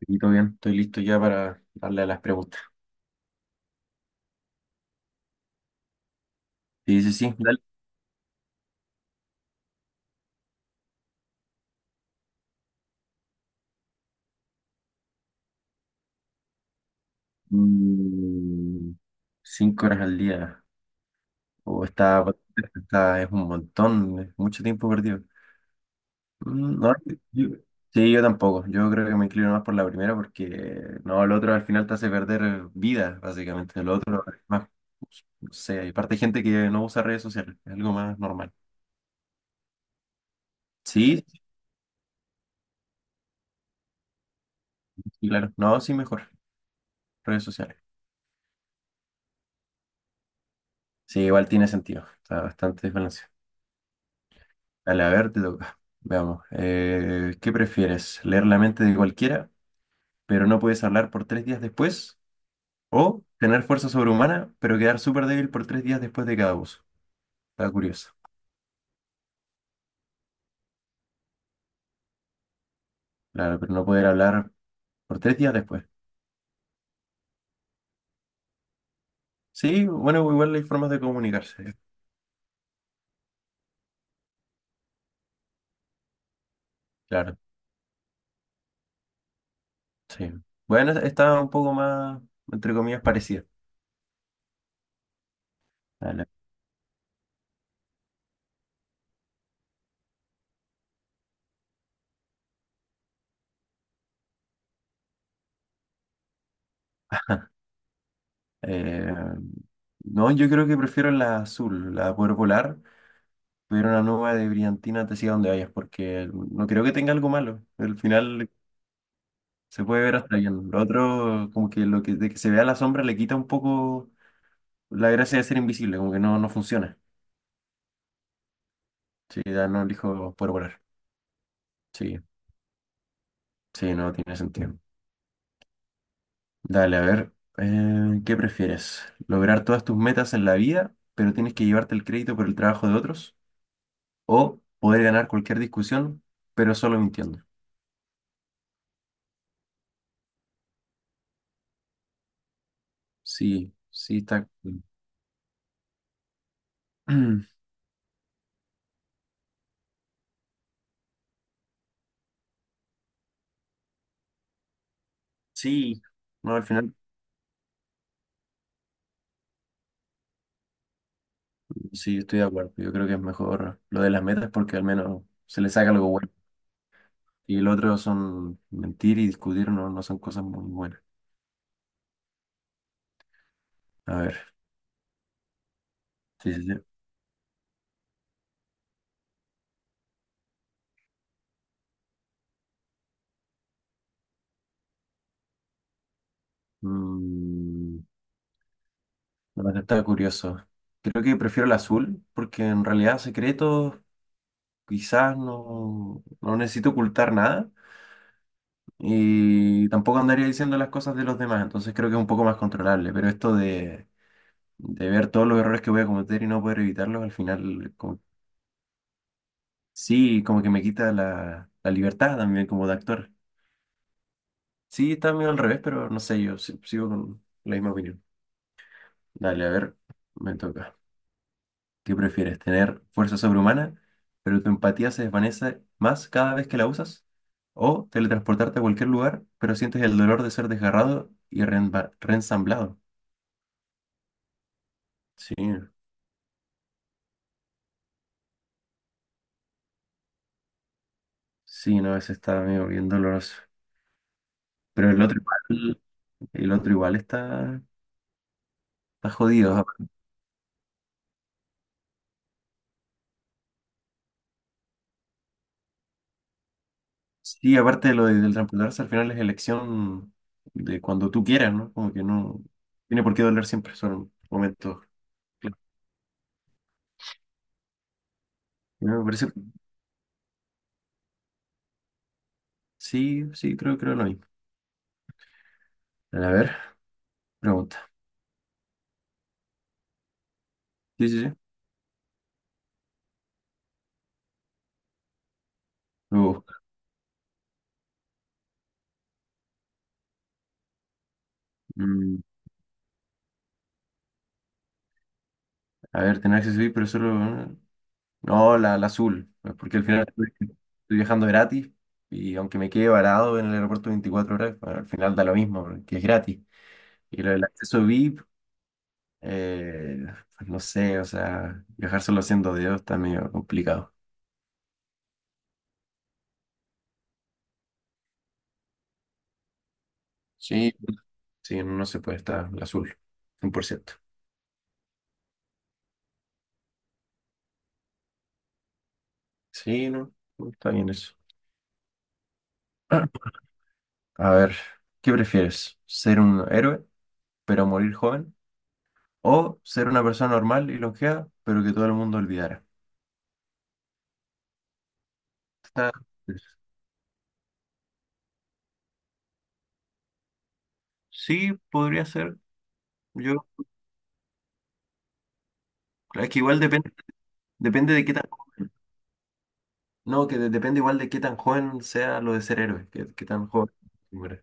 Aquí todo bien, estoy listo ya para darle a las preguntas. Sí, sí, sí, dale. Mm, cinco horas al día. O está, es un montón, es mucho tiempo perdido. Mm, no, yo- sí, yo tampoco. Yo creo que me inclino más por la primera porque no, el otro al final te hace perder vida, básicamente. El otro es más, no sé, y aparte hay gente que no usa redes sociales, es algo más normal. Sí, sí, sí, claro. No, sí, mejor. Redes sociales. Sí, igual tiene sentido. Está bastante desbalanceado. Dale, a ver, te toca. Veamos. ¿Qué prefieres? ¿Leer la mente de cualquiera, pero no puedes hablar por tres días después? ¿O tener fuerza sobrehumana, pero quedar súper débil por tres días después de cada uso? Está curioso. Claro, pero no poder hablar por tres días después. Sí, bueno, igual hay formas de comunicarse. Claro, sí. Bueno, está un poco más, entre comillas, parecida. Dale. Eh, no, yo creo que prefiero la azul, la de poder volar, tuviera una nube de brillantina te siga donde vayas, porque no creo que tenga algo malo. Al final se puede ver hasta bien. Lo otro, como que lo que, de que se vea la sombra le quita un poco la gracia de ser invisible, como que no, no funciona. Sí, ya no elijo por volar. Sí, sí, no tiene sentido. Dale, a ver, ¿qué prefieres? ¿Lograr todas tus metas en la vida, pero tienes que llevarte el crédito por el trabajo de otros? ¿O poder ganar cualquier discusión, pero solo mintiendo? Sí, sí, está. Sí, no, al final. Sí, estoy de acuerdo. Yo creo que es mejor lo de las metas porque al menos se le saca algo bueno. Y el otro son mentir y discutir, no, no son cosas muy buenas. A ver, sí, sí, sí. Mm, bueno, está curioso. Creo que prefiero el azul porque en realidad secretos quizás no, no necesito ocultar nada y tampoco andaría diciendo las cosas de los demás, entonces creo que es un poco más controlable. Pero esto de ver todos los errores que voy a cometer y no poder evitarlos, al final como. Sí, como que me quita la libertad también como de actor. Sí, está medio al revés, pero no sé, yo si- sigo con la misma opinión. Dale, a ver, me toca. ¿Qué prefieres? ¿Tener fuerza sobrehumana, pero tu empatía se desvanece más cada vez que la usas? ¿O teletransportarte a cualquier lugar, pero sientes el dolor de ser desgarrado y reensamblado? Sí, sí, no, ese está medio bien doloroso. Pero el otro igual está, está jodido. Sí, aparte del reemplazo, al final es elección de cuando tú quieras, ¿no? Como que no tiene por qué doler siempre, son momentos. Clave. Me parece, sí, sí, creo, creo lo mismo. A ver, pregunta. Sí, sí, sí. Luego, mm, a ver, tener acceso VIP, pero solo. No, la azul, pues, porque al final estoy viajando gratis y aunque me quede varado en el aeropuerto 24 horas, bueno, al final da lo mismo, porque es gratis. Y lo del acceso VIP. Eh, pues no sé, o sea, viajar solo siendo Dios está medio complicado. Sí, sí, no se puede estar al azul, cien por ciento. Sí, no, no, está bien eso. A ver, ¿qué prefieres? ¿Ser un héroe, pero morir joven? ¿O ser una persona normal y longeva, pero que todo el mundo olvidara? Está- Sí, podría ser. Yo, es que igual depende, depende de qué tan, no, que depende igual de qué tan joven sea lo de ser héroe, que, qué tan joven muera.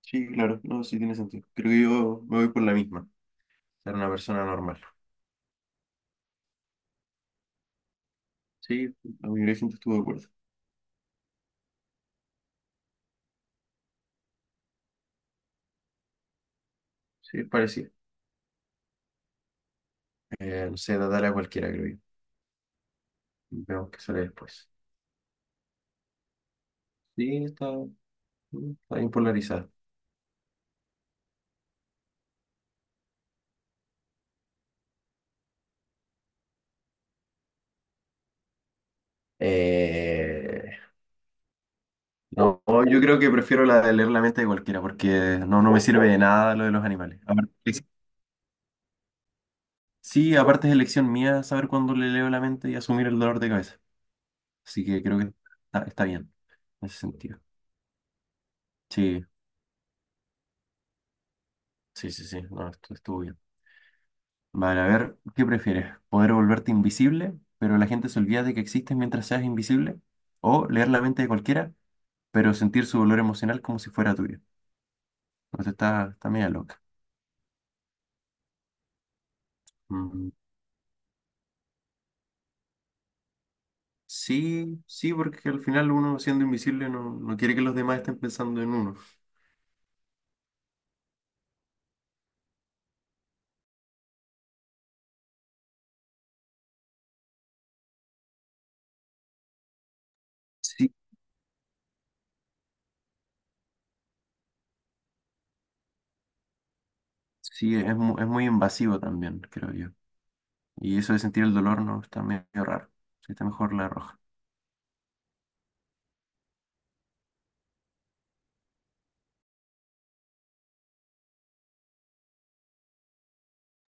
Sí, claro, no, sí tiene sentido. Creo que yo me voy por la misma, ser una persona normal. Sí, la mayoría de gente estuvo de acuerdo. Sí, es parecido. No sé, tratar a cualquiera, creo yo. Vemos qué sale después. Sí, está, está bien polarizada. Eh, no, yo creo que prefiero la de leer la mente de cualquiera, porque no, no me sirve de nada lo de los animales. Sí, aparte es elección mía saber cuándo le leo la mente y asumir el dolor de cabeza. Así que creo que está, está bien en ese sentido. Sí, sí, sí, sí, no, esto estuvo bien. Vale, a ver, ¿qué prefieres? ¿Poder volverte invisible, pero la gente se olvida de que existes mientras seas invisible? ¿O leer la mente de cualquiera, pero sentir su dolor emocional como si fuera tuyo? Entonces está, está media loca. Mm, sí, sí, porque al final uno siendo invisible no, no quiere que los demás estén pensando en uno. Sí, sí, es, es muy invasivo también, creo yo. Y eso de sentir el dolor no está medio raro. Sí, está mejor la roja.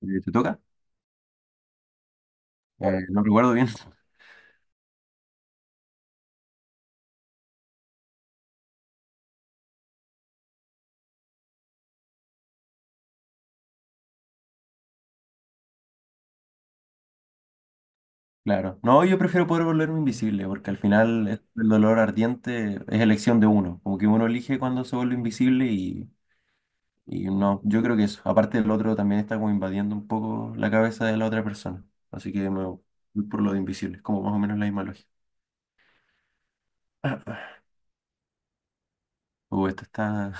¿Te toca? No recuerdo bien. Claro. No, yo prefiero poder volverme invisible, porque al final el dolor ardiente es elección de uno. Como que uno elige cuando se vuelve invisible y no, yo creo que eso. Aparte el otro también está como invadiendo un poco la cabeza de la otra persona. Así que me voy por lo de invisible, es como más o menos la misma lógica. Esto está...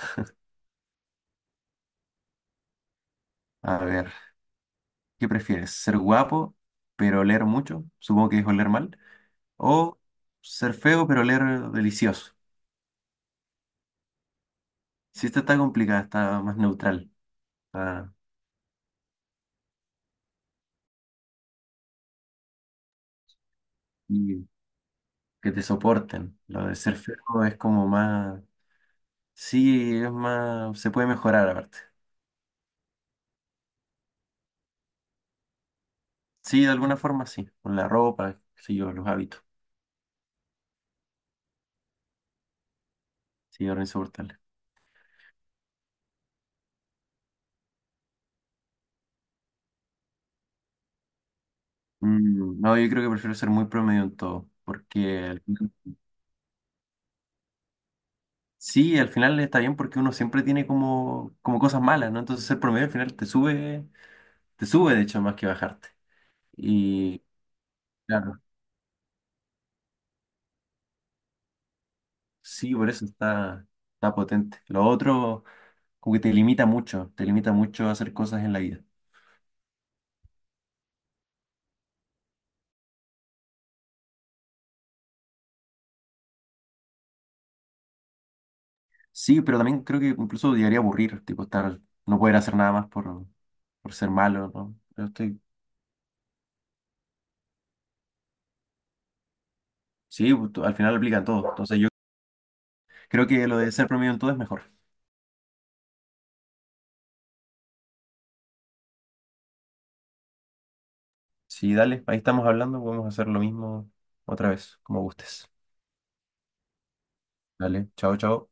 A ver, ¿qué prefieres? ¿Ser guapo, pero oler mucho? Supongo que es oler mal. ¿O ser feo, pero oler delicioso? Si esta está complicada, está más neutral. Está- que te soporten. Lo de ser feo es como más, sí, es más, se puede mejorar aparte. Sí, de alguna forma sí, con la ropa, sí, yo, los hábitos, sí, ahora insoportable. Mm, no, yo creo que prefiero ser muy promedio en todo, porque sí, al final está bien porque uno siempre tiene como, como cosas malas, ¿no? Entonces ser promedio al final te sube de hecho más que bajarte. Y claro, sí, por eso está, está potente. Lo otro, como que te limita mucho a hacer cosas en la vida. Sí, pero también creo que incluso llegaría a aburrir, tipo estar, no poder hacer nada más por ser malo, ¿no? Yo estoy, sí, pues, al final lo aplican todo. Entonces yo creo que lo de ser promedio en todo es mejor. Sí, dale, ahí estamos hablando, podemos hacer lo mismo otra vez, como gustes. Dale, chao, chao.